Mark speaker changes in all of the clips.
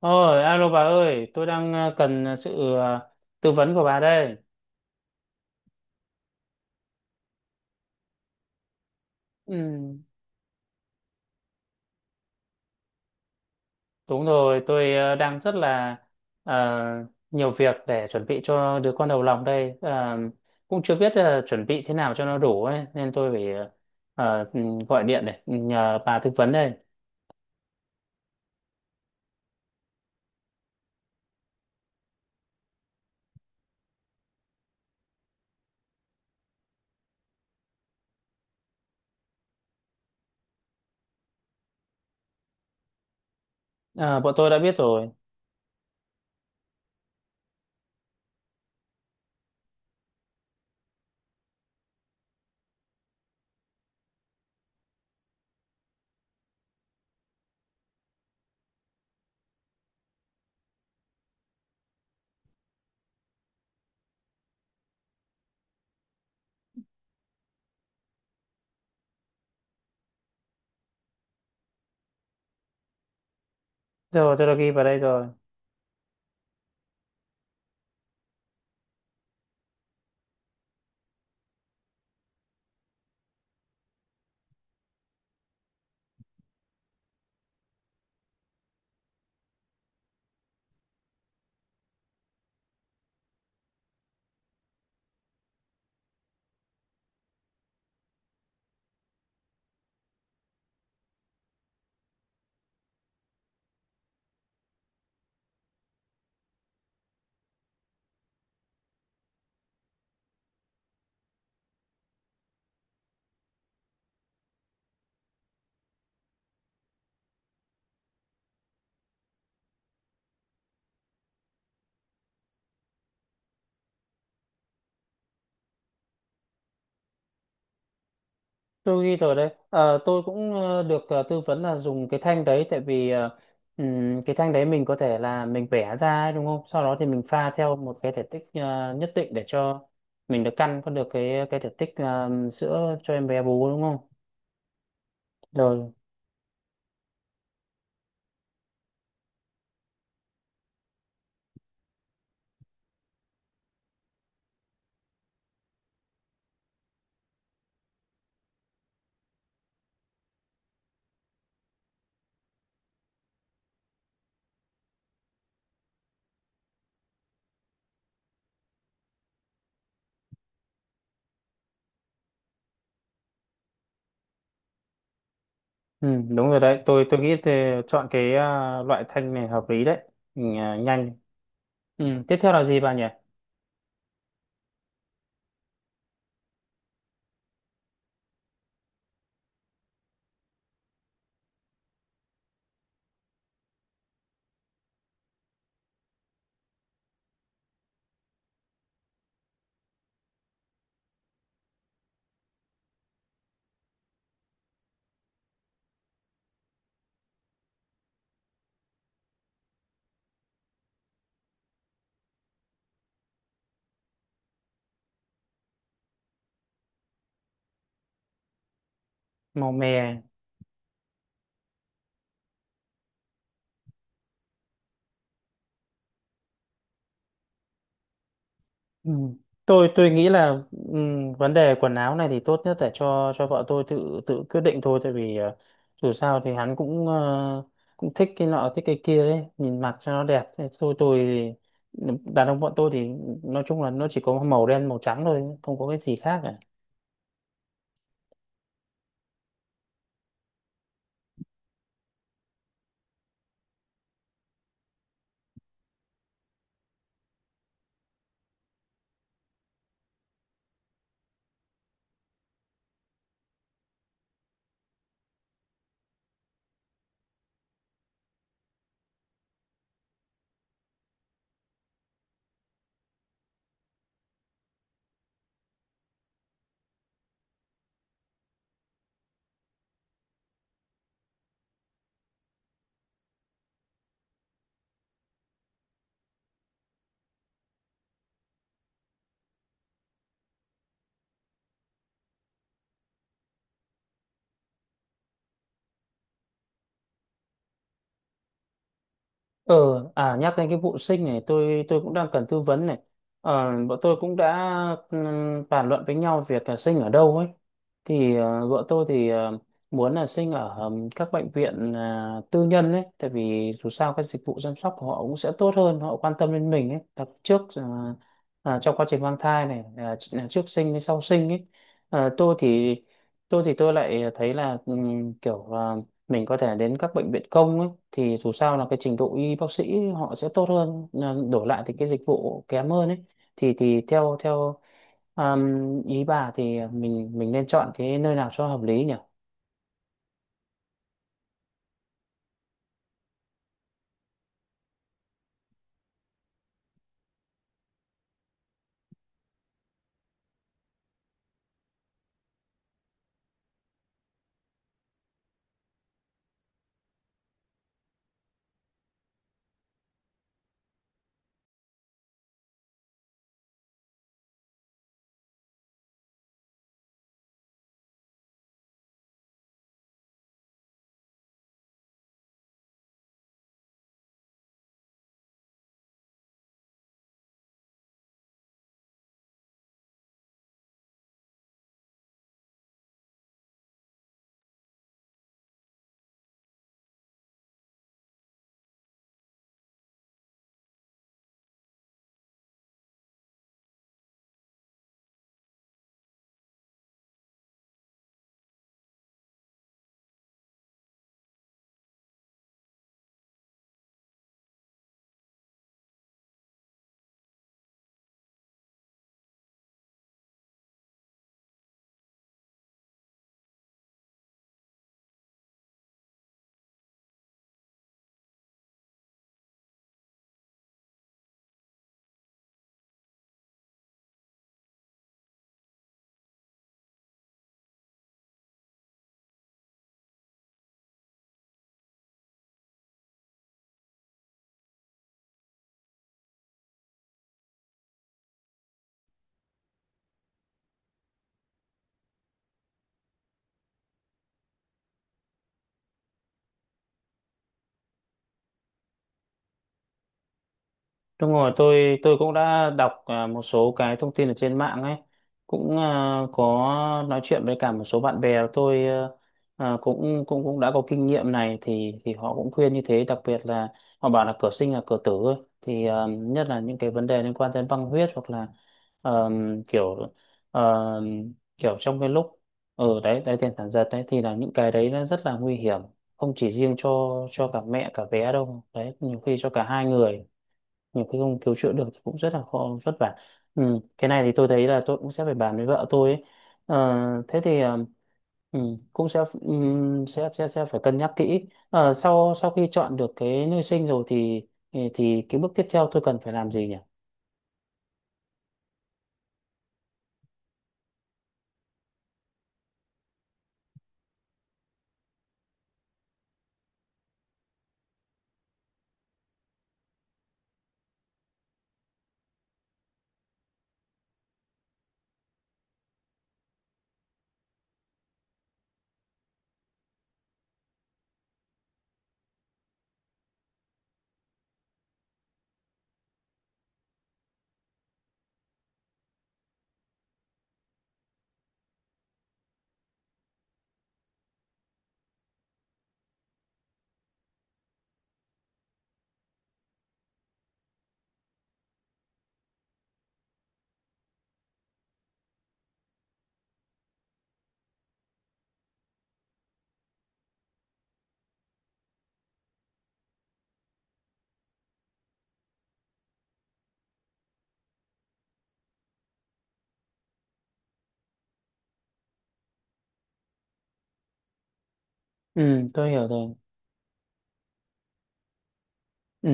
Speaker 1: Ôi, alo bà ơi, tôi đang cần sự tư vấn của bà đây. Ừ, đúng rồi, tôi đang rất là ờ, nhiều việc để chuẩn bị cho đứa con đầu lòng đây. Ờ, Cũng chưa biết chuẩn bị thế nào cho nó đủ ấy, nên tôi phải ờ, ừ, gọi điện để nhờ bà tư vấn đây. Ờ, bọn tôi đã biết rồi. Rồi, tôi đã ghi vào đây rồi. Tôi ghi rồi đấy. Ờ, tôi cũng được tư vấn là dùng cái thanh đấy tại vì cái thanh đấy mình có thể là mình vẽ ra ấy, đúng không? Sau đó thì mình pha theo một cái thể tích nhất định để cho mình được căn có được cái thể tích sữa cho em bé bú, đúng không? Rồi. Ừ, đúng rồi đấy. Tôi nghĩ thì chọn cái loại thanh này hợp lý đấy. Mình, nhanh. Ừ, tiếp theo là gì bà nhỉ? Màu mè. Ừ. Tôi nghĩ là vấn đề quần áo này thì tốt nhất là cho vợ tôi tự tự quyết định thôi, tại vì dù sao thì hắn cũng cũng thích cái nọ thích cái kia đấy, nhìn mặt cho nó đẹp. Thế tôi, đàn ông bọn tôi thì nói chung là nó chỉ có màu đen màu trắng thôi, không có cái gì khác. Ờ, à, nhắc đến cái vụ sinh này, tôi cũng đang cần tư vấn này. Ờ, bọn tôi cũng đã bàn luận với nhau việc là sinh ở đâu ấy. Thì vợ tôi thì muốn là sinh ở các bệnh viện tư nhân ấy, tại vì dù sao cái dịch vụ chăm sóc của họ cũng sẽ tốt hơn, họ quan tâm đến mình ấy, đặc trước trong quá trình mang thai này, à, trước sinh với sau sinh ấy. Ờ, tôi thì tôi lại thấy là kiểu mình có thể đến các bệnh viện công ấy, thì dù sao là cái trình độ y bác sĩ họ sẽ tốt hơn, à, đổi lại thì cái dịch vụ kém hơn ấy, thì theo theo um, ý bà thì mình nên chọn cái nơi nào cho hợp lý nhỉ? Đúng rồi, tôi cũng đã đọc một số cái thông tin ở trên mạng ấy, cũng có nói chuyện với cả một số bạn bè tôi cũng cũng cũng đã có kinh nghiệm này, thì họ cũng khuyên như thế, đặc biệt là họ bảo là cửa sinh là cửa tử ấy. Thì nhất là những cái vấn đề liên quan đến băng huyết hoặc là ờ, kiểu ờ, kiểu trong cái lúc ở đấy đấy, tiền sản giật đấy, thì là những cái đấy nó rất là nguy hiểm, không chỉ riêng cho cả mẹ cả bé đâu, đấy nhiều khi cho cả hai người, nhiều khi không cứu chữa được thì cũng rất là khó vất vả. Ừ, cái này thì tôi thấy là tôi cũng sẽ phải bàn với vợ tôi ấy. Ờ, thế thì ừ, cũng sẽ, sẽ phải cân nhắc kỹ. Ờ, sau sau khi chọn được cái nơi sinh rồi thì thì cái bước tiếp theo tôi cần phải làm gì nhỉ? Ừ, tôi hiểu rồi. Ừ.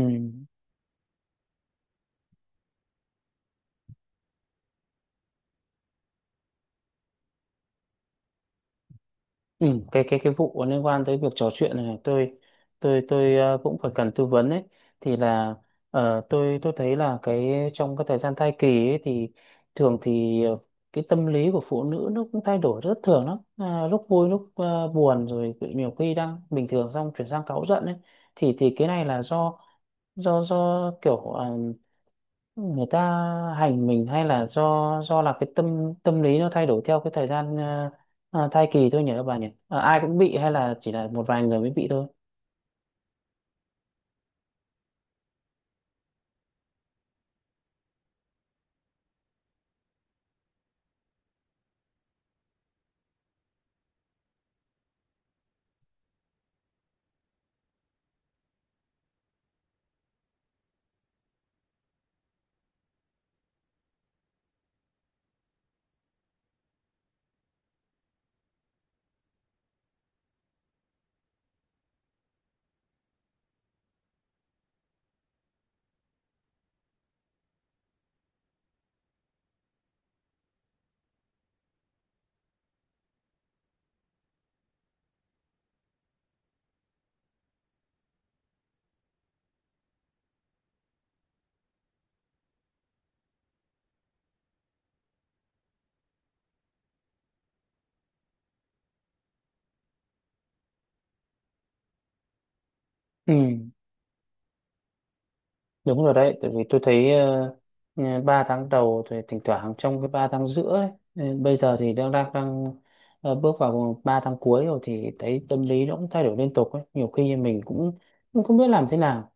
Speaker 1: Ừ, cái vụ liên quan tới việc trò chuyện này, tôi cũng phải cần tư vấn ấy, thì là tôi thấy là cái trong cái thời gian thai kỳ ấy thì thường thì cái tâm lý của phụ nữ nó cũng thay đổi rất thường lắm, à, lúc vui lúc buồn, rồi nhiều khi đang bình thường xong chuyển sang cáu giận ấy, thì cái này là do do kiểu người ta hành mình, hay là do do là cái tâm tâm lý nó thay đổi theo cái thời gian thai kỳ thôi nhỉ các bà nhỉ? Ờ, ai cũng bị hay là chỉ là một vài người mới bị thôi? Ừ, đúng rồi đấy, tại vì tôi thấy 3 tháng đầu thì thỉnh thoảng, trong cái 3 tháng giữa ấy, bây giờ thì đang đang, đang ờ, bước vào 3 tháng cuối rồi, thì thấy tâm lý nó cũng thay đổi liên tục ấy. Nhiều khi mình cũng cũng không biết làm thế nào.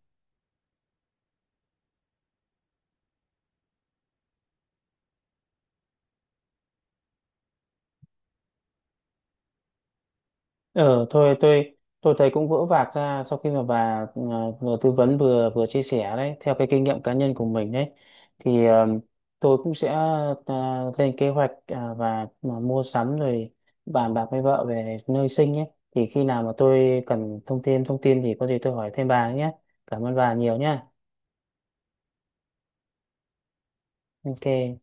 Speaker 1: Ờ, thôi tôi thấy cũng vỡ vạc ra sau khi mà bà vừa tư vấn vừa vừa chia sẻ đấy theo cái kinh nghiệm cá nhân của mình đấy, thì tôi cũng sẽ lên kế hoạch và mua sắm, rồi bàn bạc với vợ về nơi sinh nhé. Thì khi nào mà tôi cần thông tin thì có gì tôi hỏi thêm bà nhé. Cảm ơn bà nhiều nhé. Ok.